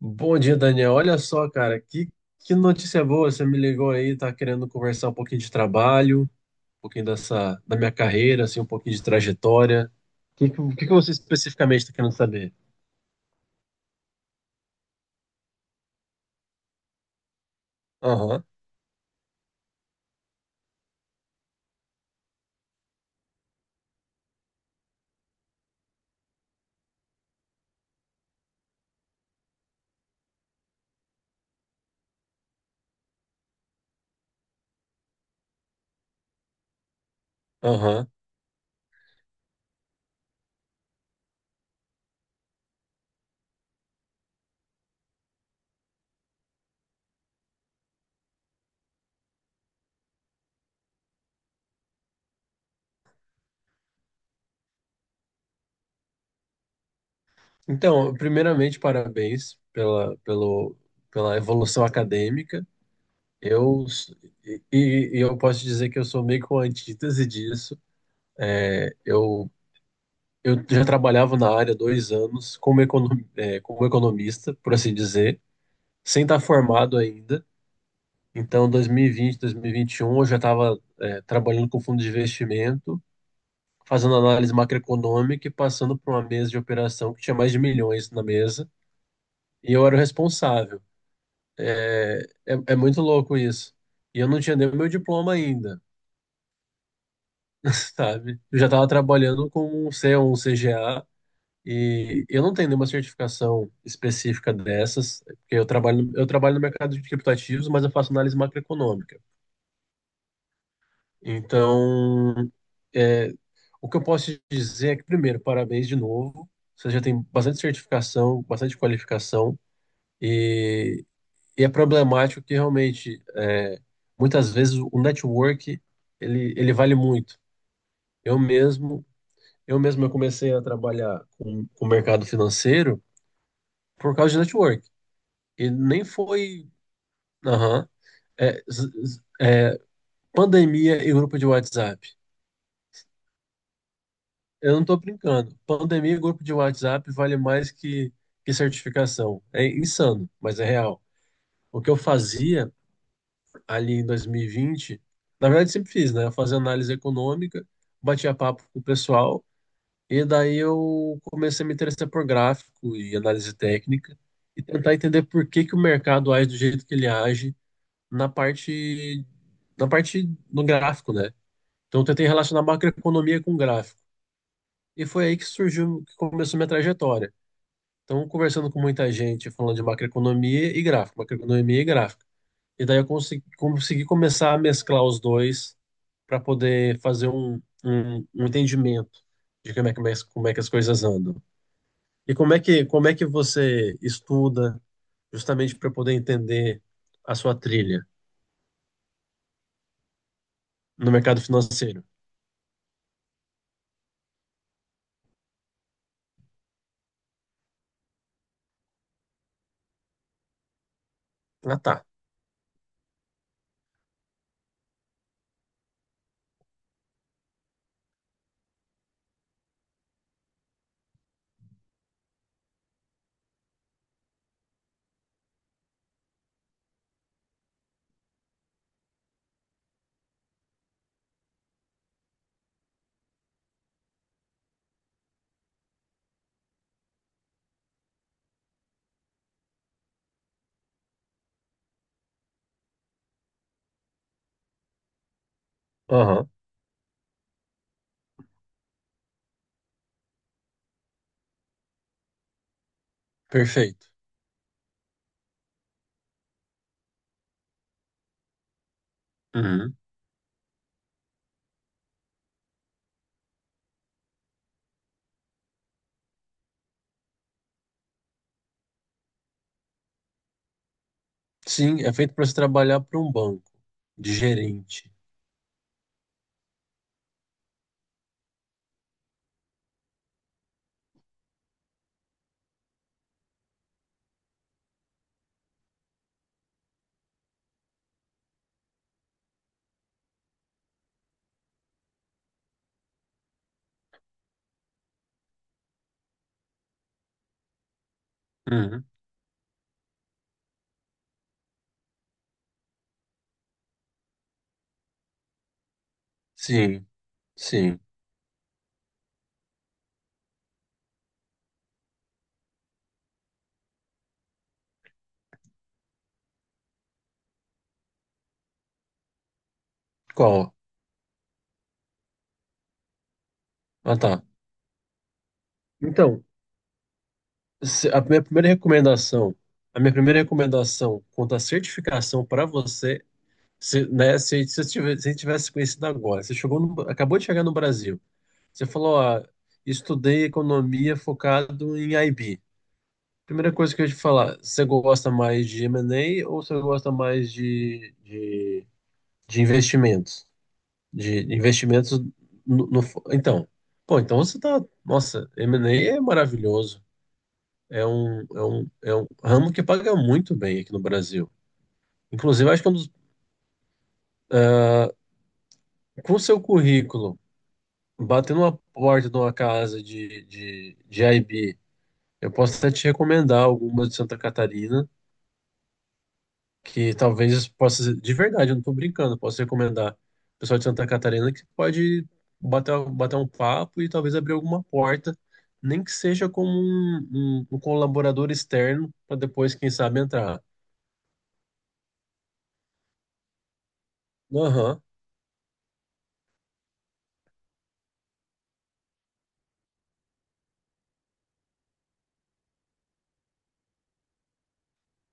Bom dia, Daniel. Olha só, cara, que notícia boa. Você me ligou aí, tá querendo conversar um pouquinho de trabalho, um pouquinho dessa, da minha carreira, assim, um pouquinho de trajetória. O que que você especificamente está querendo saber? Aham, aham. Então, primeiramente, parabéns pela evolução acadêmica. Eu, s- e eu posso dizer que eu sou meio que uma antítese disso. É, Eu, eu já trabalhava na área há 2 anos como economista, por assim dizer. Sem estar formado ainda. Então, 2020, 2021, eu já estava trabalhando com fundo de investimento, fazendo análise macroeconômica e passando por uma mesa de operação que tinha mais de milhões na mesa. E eu era o responsável. É, é muito louco isso. E eu não tinha nem o meu diploma ainda, sabe? Eu já estava trabalhando com um C ou um CGA. E eu não tenho nenhuma certificação específica dessas, porque eu trabalho no mercado de criptativos, mas eu faço análise macroeconômica. Então, é, o que eu posso te dizer é que, primeiro, parabéns de novo. Você já tem bastante certificação, bastante qualificação, e, e é problemático que realmente, muitas vezes, o network ele vale muito. Eu mesmo, eu mesmo eu comecei a trabalhar com o mercado financeiro por causa de network. E nem foi, aham, é, z- z- é, pandemia e grupo de WhatsApp. Eu não tô brincando. Pandemia e grupo de WhatsApp vale mais que certificação. É insano, mas é real. O que eu fazia ali em 2020, na verdade sempre fiz, né? Eu fazia análise econômica, batia papo com o pessoal, e daí eu comecei a me interessar por gráfico e análise técnica, e tentar entender por que que o mercado age do jeito que ele age na parte, na parte no gráfico, né? Então eu tentei relacionar macroeconomia com gráfico. E foi aí que surgiu, que começou minha trajetória. Então, conversando com muita gente, falando de macroeconomia e gráfico, macroeconomia e gráfico. E daí eu consegui começar a mesclar os dois para poder fazer um entendimento de como é que as coisas andam. E como é que você estuda justamente para poder entender a sua trilha no mercado financeiro? Ah, tá. Aham, perfeito. Uhum. Sim, é feito para você trabalhar para um banco de gerente. Uhum. Sim, sim. Qual? Ah, tá. Então, A minha primeira recomendação, a minha primeira recomendação quanto à certificação para você, se você tivesse conhecido agora, você chegou acabou de chegar no Brasil, você falou, estudei economia focado em IB. Primeira coisa que eu ia te falar, você gosta mais de M&A ou você gosta mais de investimentos? De investimentos no, no... Então, pô, você tá. Nossa, M&A é maravilhoso. É um ramo que paga muito bem aqui no Brasil. Inclusive, acho que com o seu currículo, batendo uma porta de uma casa de IB, eu posso até te recomendar alguma de Santa Catarina, que talvez possa, de verdade, eu não estou brincando, posso recomendar o pessoal de Santa Catarina que pode bater um papo e talvez abrir alguma porta, nem que seja como um colaborador externo, para depois, quem sabe, entrar. Aham.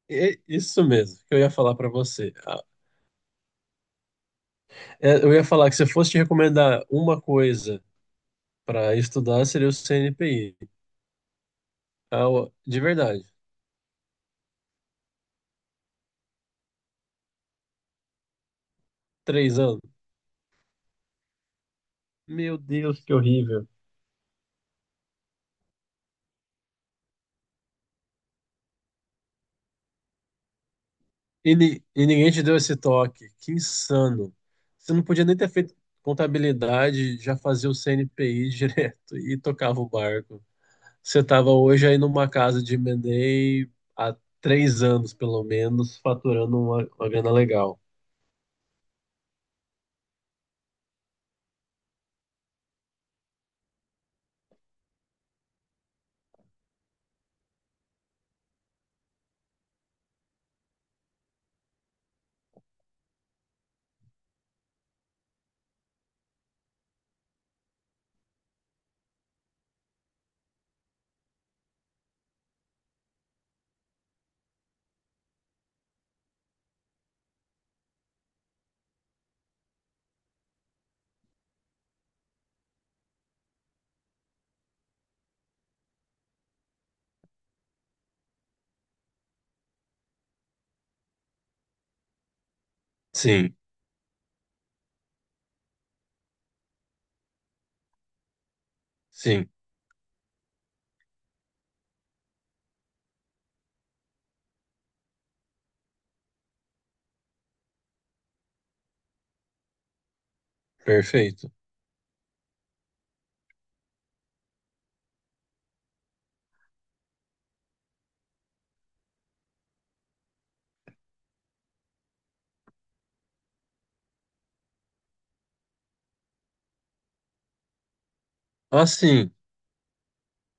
É isso mesmo que eu ia falar para você. Eu ia falar que se eu fosse te recomendar uma coisa para estudar, seria o CNPq. Ah, ó, de verdade, 3 anos. Meu Deus, que horrível. E ninguém te deu esse toque. Que insano. Você não podia nem ter feito contabilidade, já fazia o CNPq direto e tocava o barco. Você estava hoje aí numa casa de M&A há 3 anos, pelo menos, faturando uma grana legal. Sim, sim. Perfeito. Ah, sim.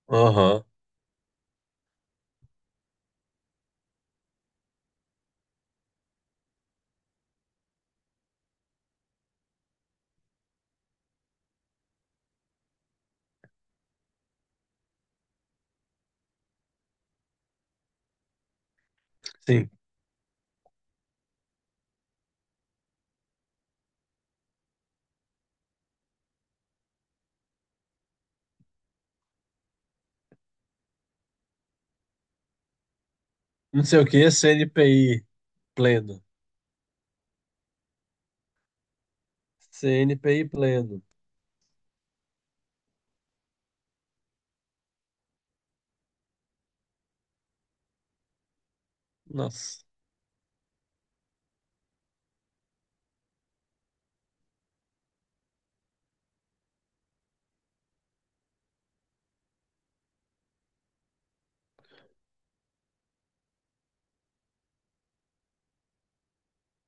Aham. Sim. Não sei o que, CNPI pleno. CNPI pleno. Nossa.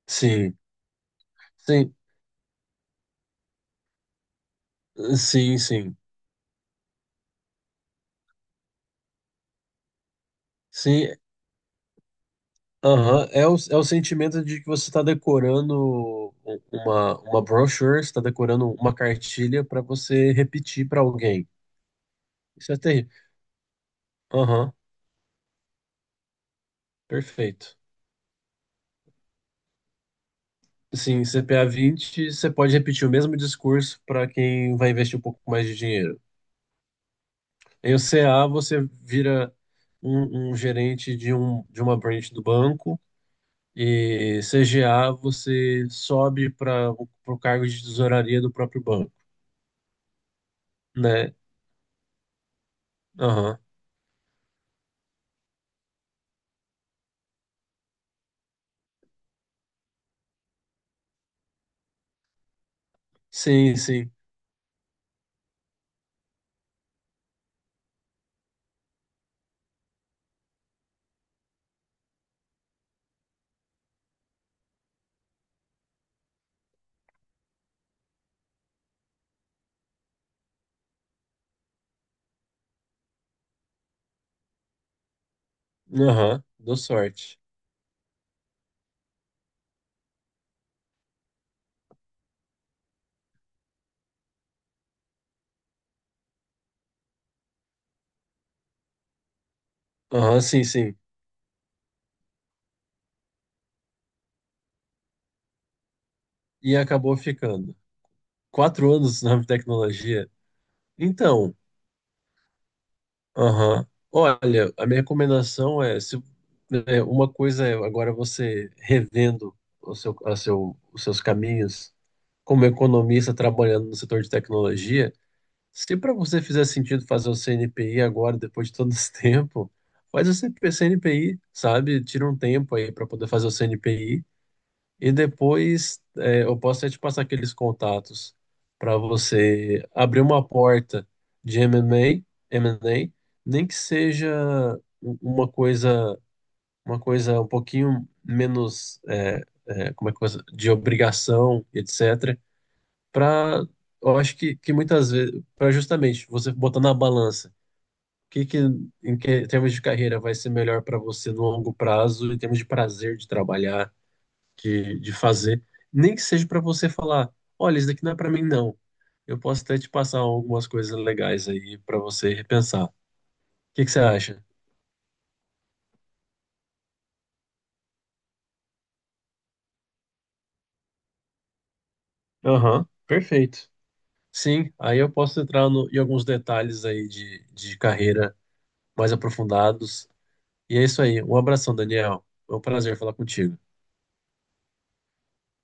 Sim. Sim. Sim, sim. Sim. Aham. É o sentimento de que você está decorando uma brochure, você está decorando uma cartilha para você repetir para alguém. Isso é terrível. Aham. Perfeito. Sim, CPA 20 você pode repetir o mesmo discurso para quem vai investir um pouco mais de dinheiro. Em o CA, você vira um gerente de uma branch do banco, e CGA, você sobe para o cargo de tesouraria do próprio banco, né? Aham. Sim, sim. Aham. Deu sorte. Aham, sim, sim. E acabou ficando. 4 anos na tecnologia. Então, aham. Olha, a minha recomendação é, se, né, uma coisa é agora você revendo o seu, a seu, os seus caminhos como economista trabalhando no setor de tecnologia, se para você fizer sentido fazer o CNPI agora, depois de todo esse tempo, faz o CP CNPI, sabe? Tira um tempo aí para poder fazer o CNPI e depois eu posso até te passar aqueles contatos para você abrir uma porta de M&A, M&A, nem que seja um, uma coisa, uma coisa um pouquinho menos como é que coisa de obrigação, etc para, eu acho que muitas vezes, para justamente você botar na balança o que, que, em que em termos de carreira vai ser melhor para você no longo prazo, em termos de prazer de trabalhar, de fazer, nem que seja para você falar, olha, isso daqui não é para mim não. Eu posso até te passar algumas coisas legais aí para você repensar. O que, que você acha? Aham, perfeito. Sim, aí eu posso entrar no, em alguns detalhes aí de carreira mais aprofundados. E é isso aí. Um abração, Daniel. Foi um prazer falar contigo.